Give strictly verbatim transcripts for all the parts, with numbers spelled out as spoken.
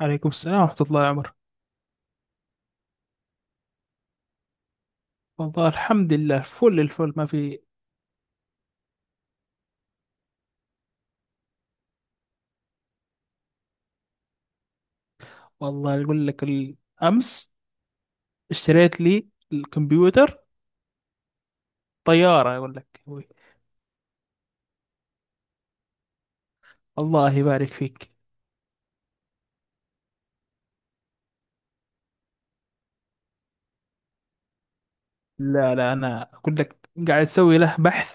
عليكم السلام ورحمة الله يا عمر. والله الحمد لله فل الفل ما في. والله أقول لك ال- أمس اشتريت لي الكمبيوتر طيارة أقول لك. الله يبارك فيك. لا لا أنا أقول لك قاعد أسوي له بحث،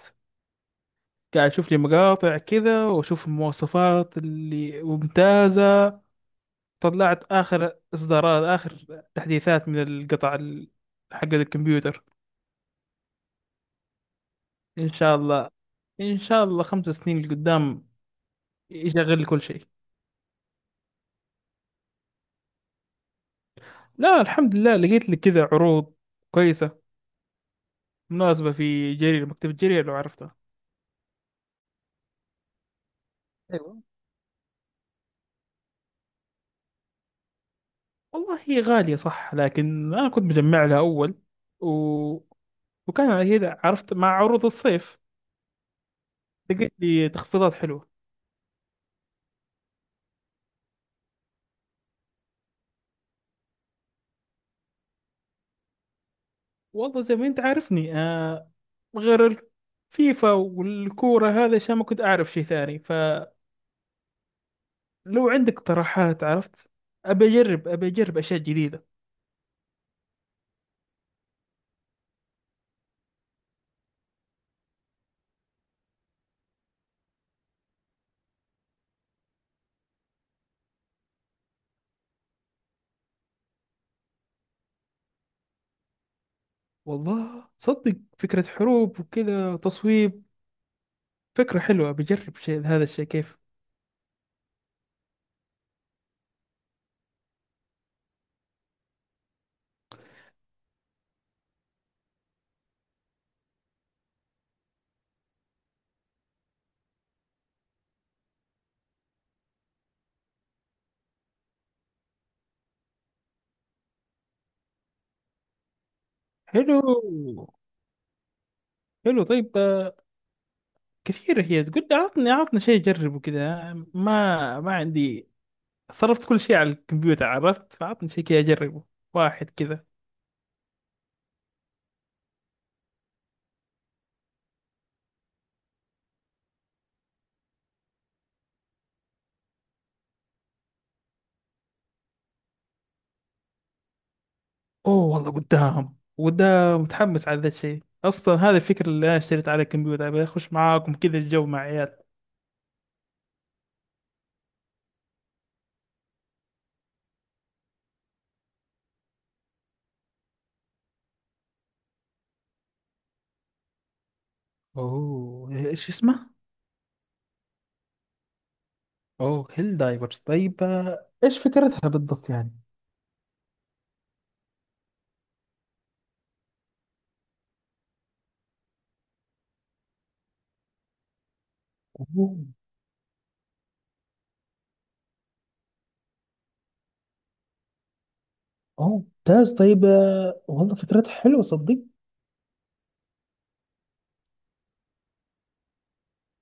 قاعد أشوف لي مقاطع كذا وأشوف المواصفات اللي ممتازة. طلعت آخر إصدارات آخر تحديثات من القطع ال- حق الكمبيوتر. إن شاء الله. إن شاء الله خمس سنين لقدام يشغل لي كل شيء. لا الحمد لله، لقيت لي كذا عروض كويسة مناسبة في جرير، مكتبة جرير لو عرفتها. ايوه. والله هي غالية صح، لكن أنا كنت مجمع لها أول و... وكان كذا، عرفت مع عروض الصيف لقيت لي تخفيضات حلوة. والله زي ما أنت عارفني، آه، غير الفيفا والكورة، هذا عشان ما كنت أعرف شيء ثاني. فلو عندك اقتراحات عرفت، أبي أجرب أبي أجرب أشياء جديدة. والله صدق فكرة حروب وكذا تصويب فكرة حلوة، بجرب شيء، هذا الشيء كيف. حلو حلو. طيب، آه، كثيرة هي، تقول لي عطني عطني شيء أجربه كذا، ما ما عندي، صرفت كل شيء على الكمبيوتر عرفت، فعطني شيء كذا أجربه واحد كذا. أوه والله قدام قدام متحمس على ذا الشيء أصلا. هذا الفكرة اللي أنا اشتريت على الكمبيوتر، أبي أخش معاكم كذا الجو مع عيال. اوه، ايش اسمه؟ اوه، هيل دايفرز. طيب آه، ايش فكرتها بالضبط يعني؟ اوه. اوه ممتاز. طيب آه، والله فكرتها حلوة صدق.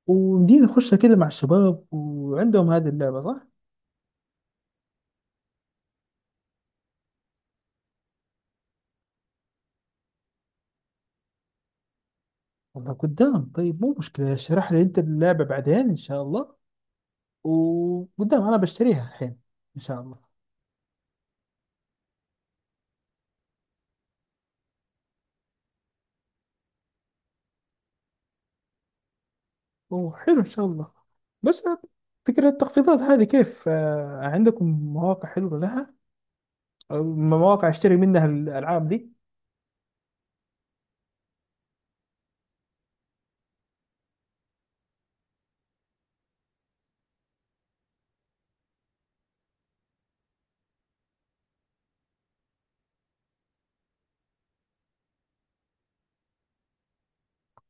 وندير نخش كده مع الشباب وعندهم هذه اللعبة صح؟ والله قدام. طيب مو مشكلة، اشرح لي انت اللعبة بعدين ان شاء الله، وقدام انا بشتريها الحين ان شاء الله. وحلو ان شاء الله. بس فكرة التخفيضات هذه كيف؟ آه، عندكم مواقع حلوة لها، أو مواقع اشتري منها الالعاب دي؟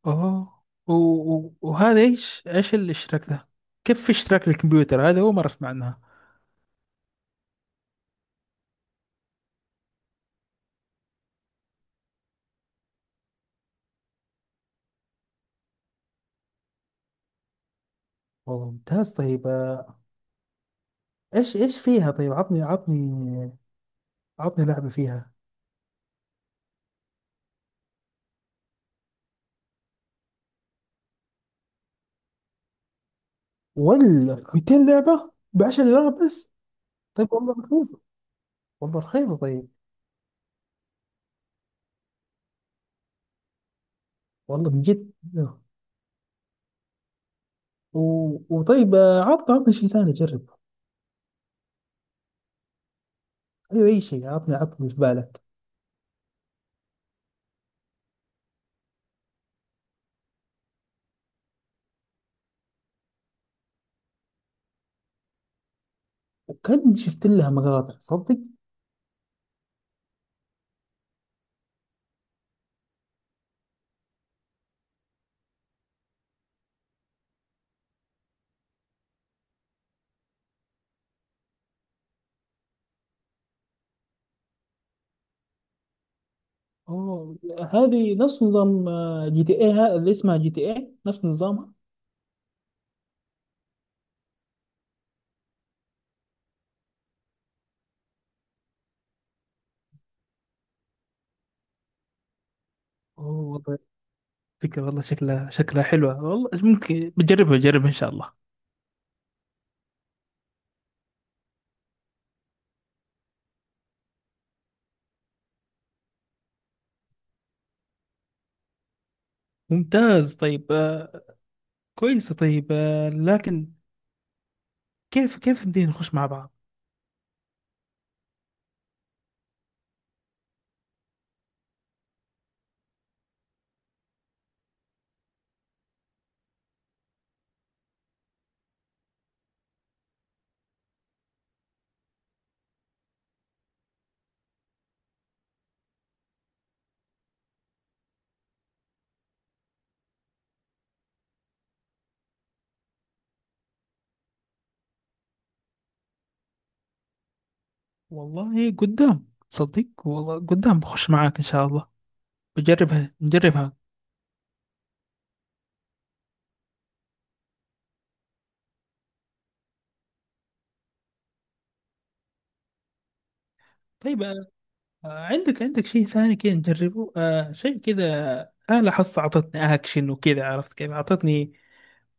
اه، و- و- وهذا ايش ايش الاشتراك ده؟ كيف في اشتراك للكمبيوتر؟ هذا اول مره اسمع عنها. والله ممتاز. طيب آه، ايش ايش فيها؟ طيب عطني عطني، عطني لعبة فيها. ولا ميتين لعبة ب عشر دولار بس؟ طيب والله رخيصة، والله رخيصة طيب. والله من جد. و... وطيب، آه، عطني عطني شيء ثاني أجرب. أيوة أي شيء، عطني عطني اللي في بالك. وكان شفت لها مقاطع صدق. أوه، هذه نفس نظام جي تي اي، اللي اسمها جي تي اي نفس نظامها. أوه. والله فكرة، والله شكلها شكلها حلوة، والله ممكن بجربها بجربها إن شاء الله. ممتاز طيب، آه، كويس. طيب، آه، لكن كيف كيف بدينا نخش مع بعض؟ والله قدام تصدق، والله قدام بخش معاك إن شاء الله، بجربها نجربها. طيب آه، آه، عندك عندك شيء ثاني كذا نجربه، آه شيء كذا؟ آلة حس أعطتني أكشن وكذا عرفت كيف، أعطتني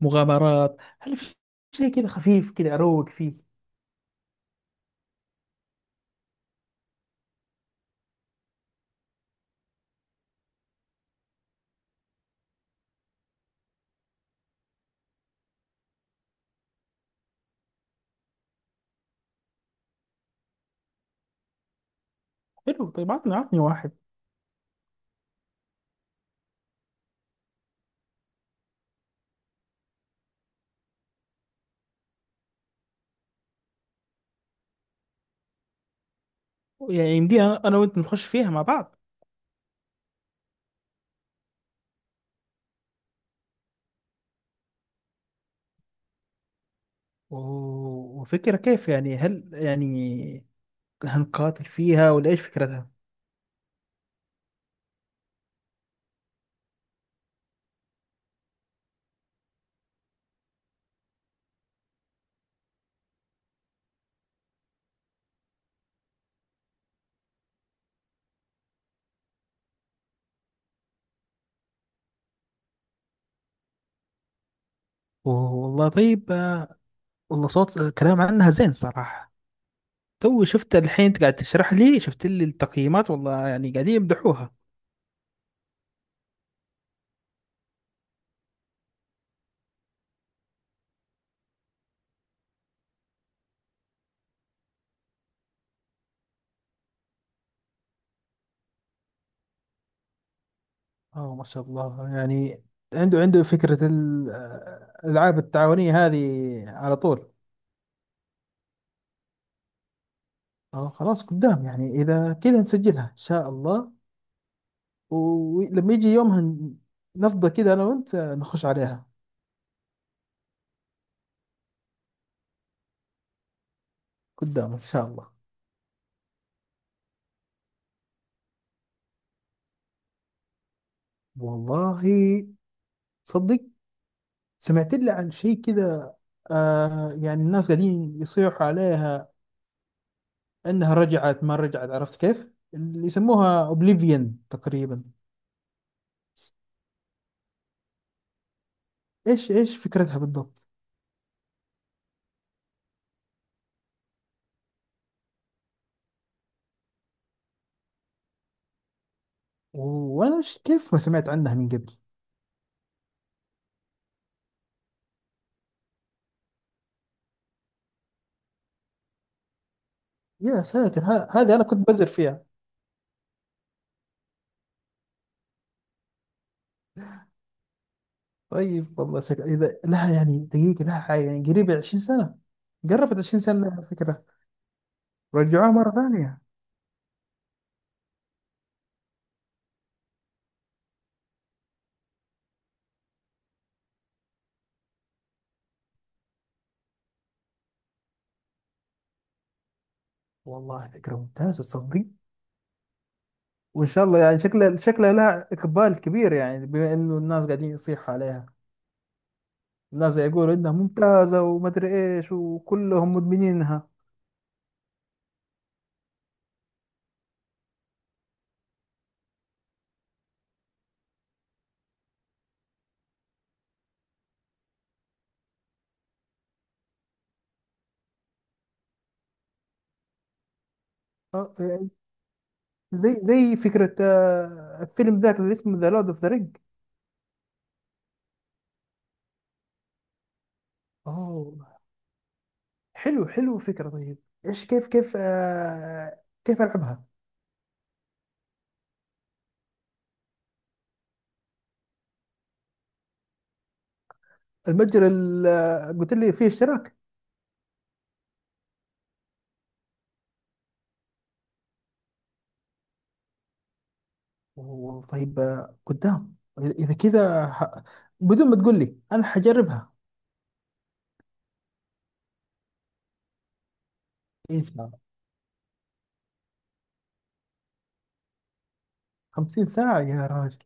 مغامرات. هل في شيء كذا خفيف كذا أروق فيه؟ حلو. طيب عطني عطني واحد. يعني يمدي أنا أنا وأنت نخش فيها مع بعض؟ و- وفكرة كيف يعني؟ هل يعني هنقاتل فيها ولا إيش فكرتها؟ والله طيب، آه، والله صوت، آه، كلام عنها زين صراحة. تو شفت الحين انت قاعد تشرح لي، شفت لي التقييمات والله يعني قاعدين يمدحوها. اه ما شاء الله. يعني عنده عنده فكرة ال- الألعاب التعاونية هذه على طول. اه خلاص قدام. يعني إذا كذا نسجلها إن شاء الله، ولما يجي يومها ن- نفضى كذا أنا وأنت نخش عليها. قدام إن شاء الله. والله صدق سمعت لي عن شيء كذا، آه، يعني الناس قاعدين يصيحوا عليها انها رجعت ما رجعت عرفت كيف، اللي يسموها اوبليفيون تقريبا. ايش ايش فكرتها بالضبط؟ وانا ش- كيف ما سمعت عنها من قبل؟ يا ساتر، ه- هذه انا كنت بزر فيها. طيب والله شك... اذا لها يعني دقيقه، لها حاجه يعني قريبه عشرين سنة سنه، قربت عشرين سنة سنه لها الفكره. رجعوها مره ثانيه. والله فكره ممتازه تصدق. وان شاء الله يعني شكلها شكلها لها اقبال كبير، يعني بما انه الناس قاعدين يصيحوا عليها، الناس يقولوا انها ممتازه، وما ادري ايش، وكلهم مدمنينها. اه، زي زي فكرة آه، فيلم ذاك اللي اسمه ذا لورد اوف ذا رينج. اه حلو حلو فكرة. طيب ايش كيف كيف، آه، كيف العبها؟ المتجر اللي قلت لي فيه اشتراك؟ أوه، طيب، آه، قدام اذا كذا، ح... بدون ما تقول لي انا حجربها ان شاء الله. 50 ساعة يا راجل؟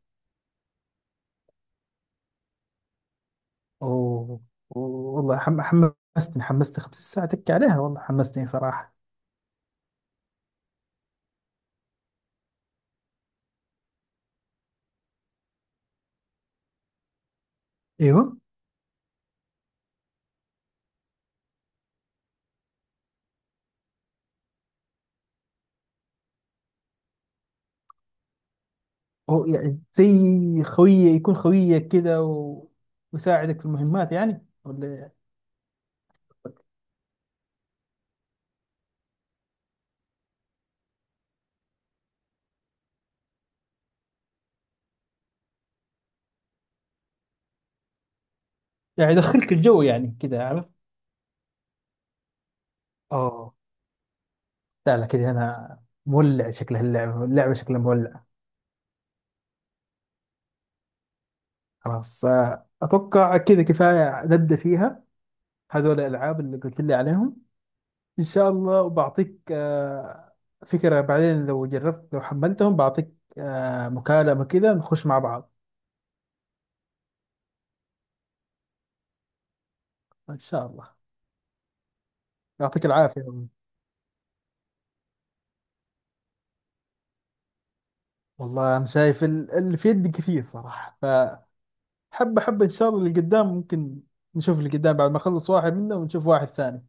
اوه. أوه. والله حم- حمستني حمستني 50 ساعة تكي عليها، والله حمستني صراحة. ايوه. هو يعني زي خويه، يكون خويك كده، و... ويساعدك في المهمات يعني ولا؟ يعني يدخلك الجو يعني كده عارف. اه. لا لا كده، انا مولع، شكلها اللعبه اللعبه شكلها مولع. خلاص، آه، اتوقع كده كفايه، نبدا فيها هذول الالعاب اللي قلت لي عليهم ان شاء الله، وبعطيك آه، فكره بعدين لو جربت، لو حملتهم بعطيك آه، مكالمه كده نخش مع بعض ان شاء الله. يعطيك العافيه. والله أنا شايف ال- اللي في يدي كثير صراحة، فحب حب إن شاء الله اللي قدام ممكن، نشوف اللي قدام بعد ما أخلص واحد منه ونشوف واحد ثاني.